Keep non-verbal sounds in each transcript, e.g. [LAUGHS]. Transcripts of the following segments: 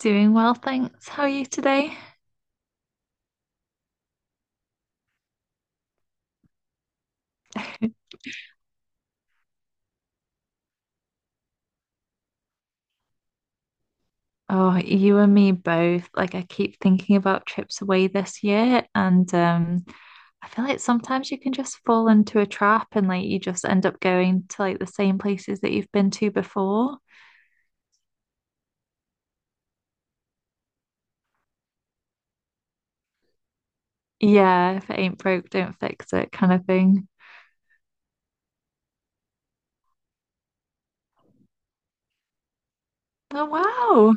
Doing well, thanks. How are you today? [LAUGHS] Oh, you and me both. Like I keep thinking about trips away this year, and I feel like sometimes you can just fall into a trap and like you just end up going to like the same places that you've been to before. Yeah, if it ain't broke, don't fix it, kind of thing. Oh wow.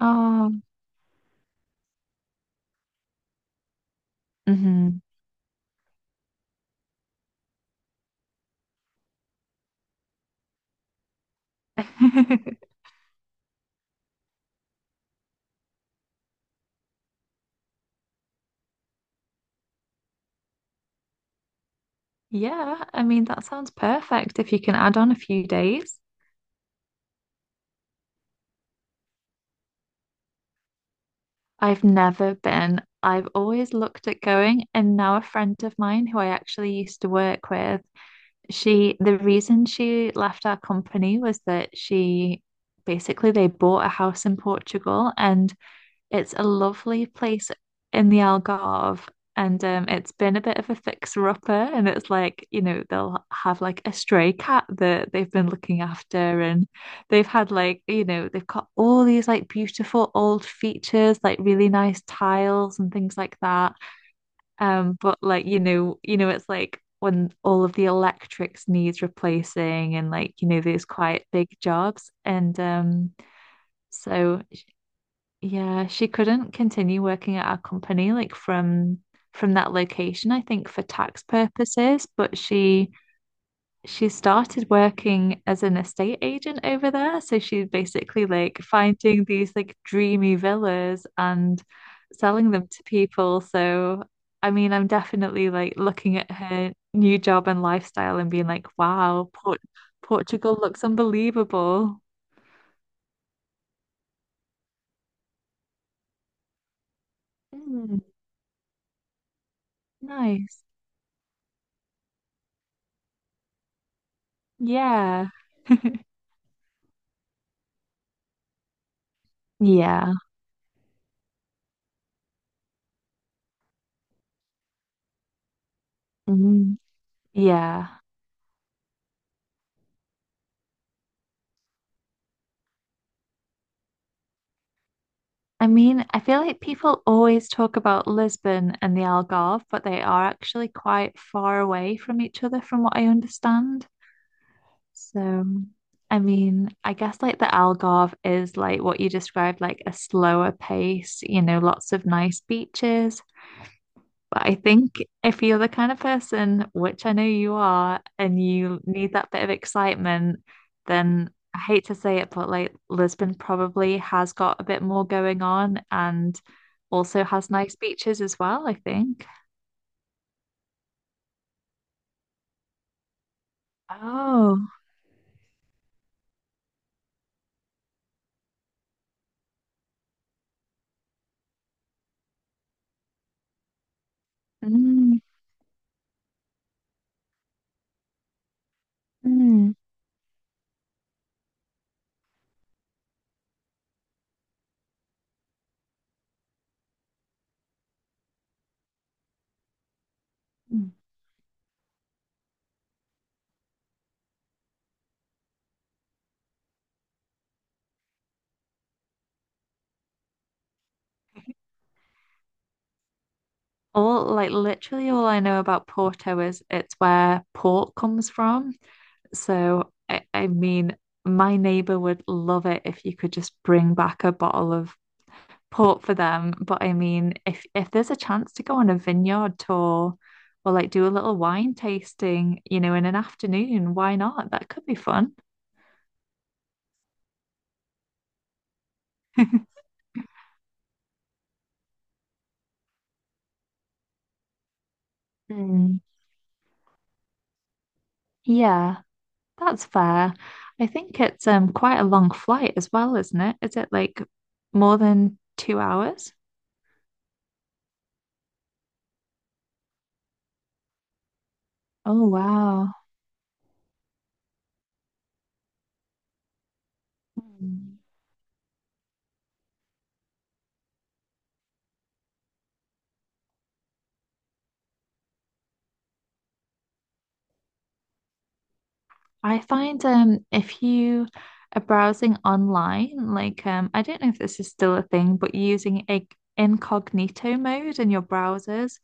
Oh. Mhm. [LAUGHS] Yeah, I mean that sounds perfect if you can add on a few days. I've never been. I've always looked at going, and now a friend of mine who I actually used to work with, she, the reason she left our company was that she basically they bought a house in Portugal and it's a lovely place in the Algarve, and it's been a bit of a fixer-upper. And it's like, you know, they'll have like a stray cat that they've been looking after, and they've had like, you know, they've got all these like beautiful old features, like really nice tiles and things like that. But like, you know, it's like when all of the electrics needs replacing, and like, you know, these quite big jobs, and. So yeah, she couldn't continue working at our company like from that location, I think for tax purposes, but she started working as an estate agent over there. So she's basically like finding these like dreamy villas and selling them to people. So I mean, I'm definitely like looking at her new job and lifestyle and being like, wow, Portugal looks unbelievable. Mm, nice. Yeah. Yeah. Mm, yeah. I mean, I feel like people always talk about Lisbon and the Algarve, but they are actually quite far away from each other, from what I understand. So, I mean, I guess like the Algarve is like what you described, like a slower pace, you know, lots of nice beaches. But I think if you're the kind of person, which I know you are, and you need that bit of excitement, then I hate to say it, but like Lisbon probably has got a bit more going on and also has nice beaches as well, I think. Oh, mm, mm. Mm. All like literally all I know about Porto is it's where port comes from. So I mean, my neighbor would love it if you could just bring back a bottle of port for them. But I mean, if there's a chance to go on a vineyard tour or like do a little wine tasting, you know, in an afternoon, why not? That could be fun. Mm. Yeah, that's fair. I think it's quite a long flight as well, isn't it? Is it like more than 2 hours? Oh, wow. Mm. I find if you are browsing online, like I don't know if this is still a thing, but using a incognito mode in your browsers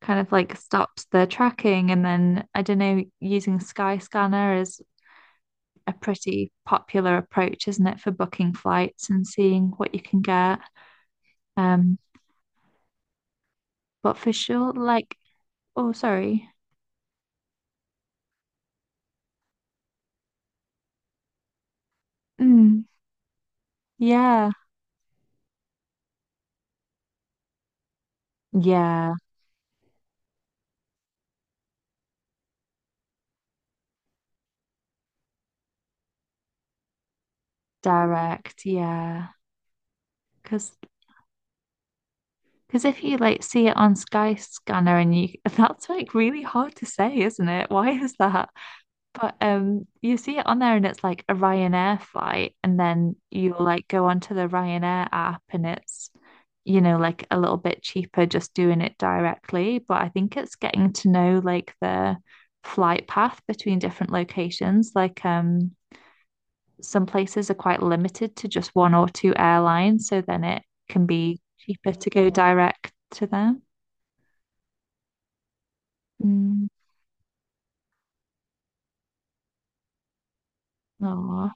kind of like stops the tracking and then I don't know, using Skyscanner is a pretty popular approach, isn't it, for booking flights and seeing what you can get. Um, but for sure, like oh sorry. Mm, yeah. Yeah, direct, yeah. Because Because if you like see it on Sky Scanner and you [LAUGHS] that's like really hard to say, isn't it? Why is that? But you see it on there and it's like a Ryanair flight and then you like go onto the Ryanair app and it's you know like a little bit cheaper just doing it directly, but I think it's getting to know like the flight path between different locations like some places are quite limited to just one or two airlines so then it can be cheaper to go direct to them. Mm, aw.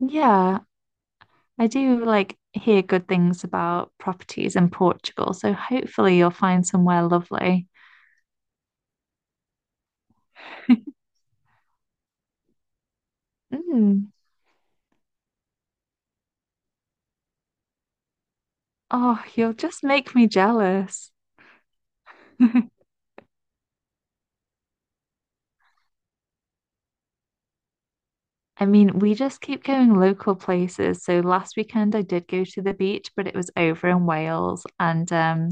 Yeah, I do like hear good things about properties in Portugal, so hopefully you'll find somewhere lovely. [LAUGHS] Mm. Oh, you'll just make me jealous. [LAUGHS] I mean, we just keep going local places. So last weekend I did go to the beach, but it was over in Wales and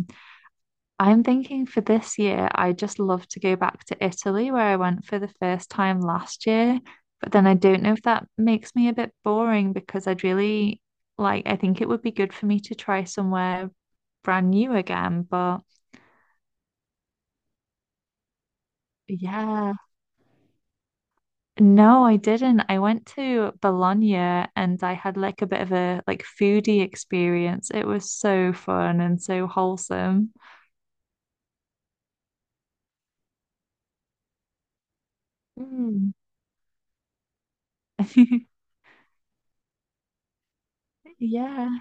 I'm thinking for this year, I just love to go back to Italy where I went for the first time last year. But then I don't know if that makes me a bit boring because I'd really like, I think it would be good for me to try somewhere brand new again. But yeah, no, I didn't. I went to Bologna and I had like a bit of a like foodie experience. It was so fun and so wholesome. Mm. [LAUGHS] Yeah.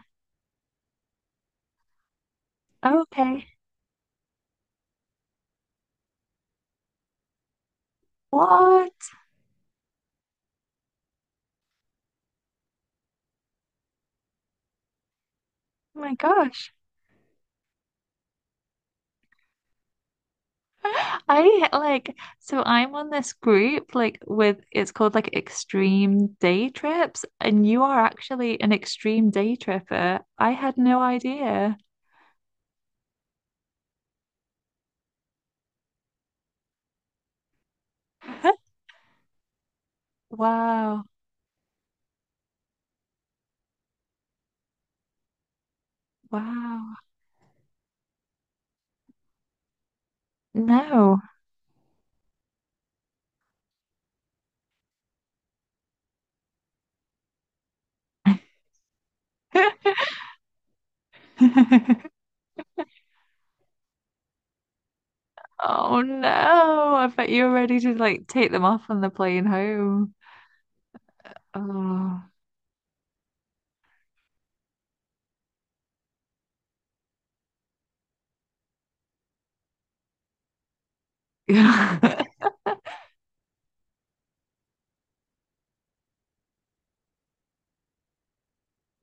Okay. What? Oh my gosh. I like so I'm on this group like with it's called like extreme day trips and you are actually an extreme day tripper. I had no idea. [LAUGHS] Wow. Wow. No. [LAUGHS] Oh no. I bet you're ready to like take them off on the plane home. Oh. [LAUGHS]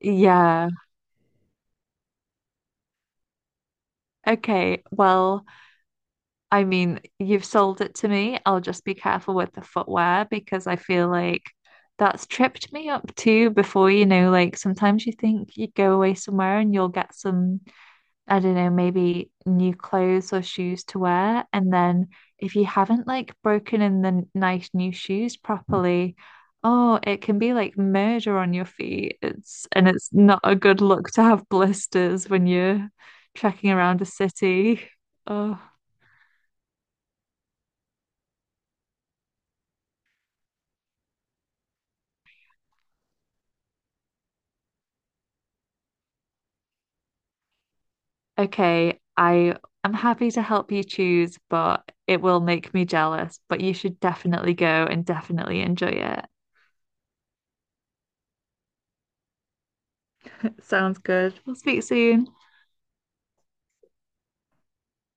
Yeah. Okay. Well, I mean, you've sold it to me. I'll just be careful with the footwear because I feel like that's tripped me up too before, you know, like sometimes you think you go away somewhere and you'll get some, I don't know, maybe new clothes or shoes to wear. And then if you haven't like broken in the nice new shoes properly, oh, it can be like murder on your feet. It's and it's not a good look to have blisters when you're trekking around a city. [LAUGHS] Oh. Okay, I am happy to help you choose, but it will make me jealous. But you should definitely go and definitely enjoy it. Sounds good. We'll speak soon.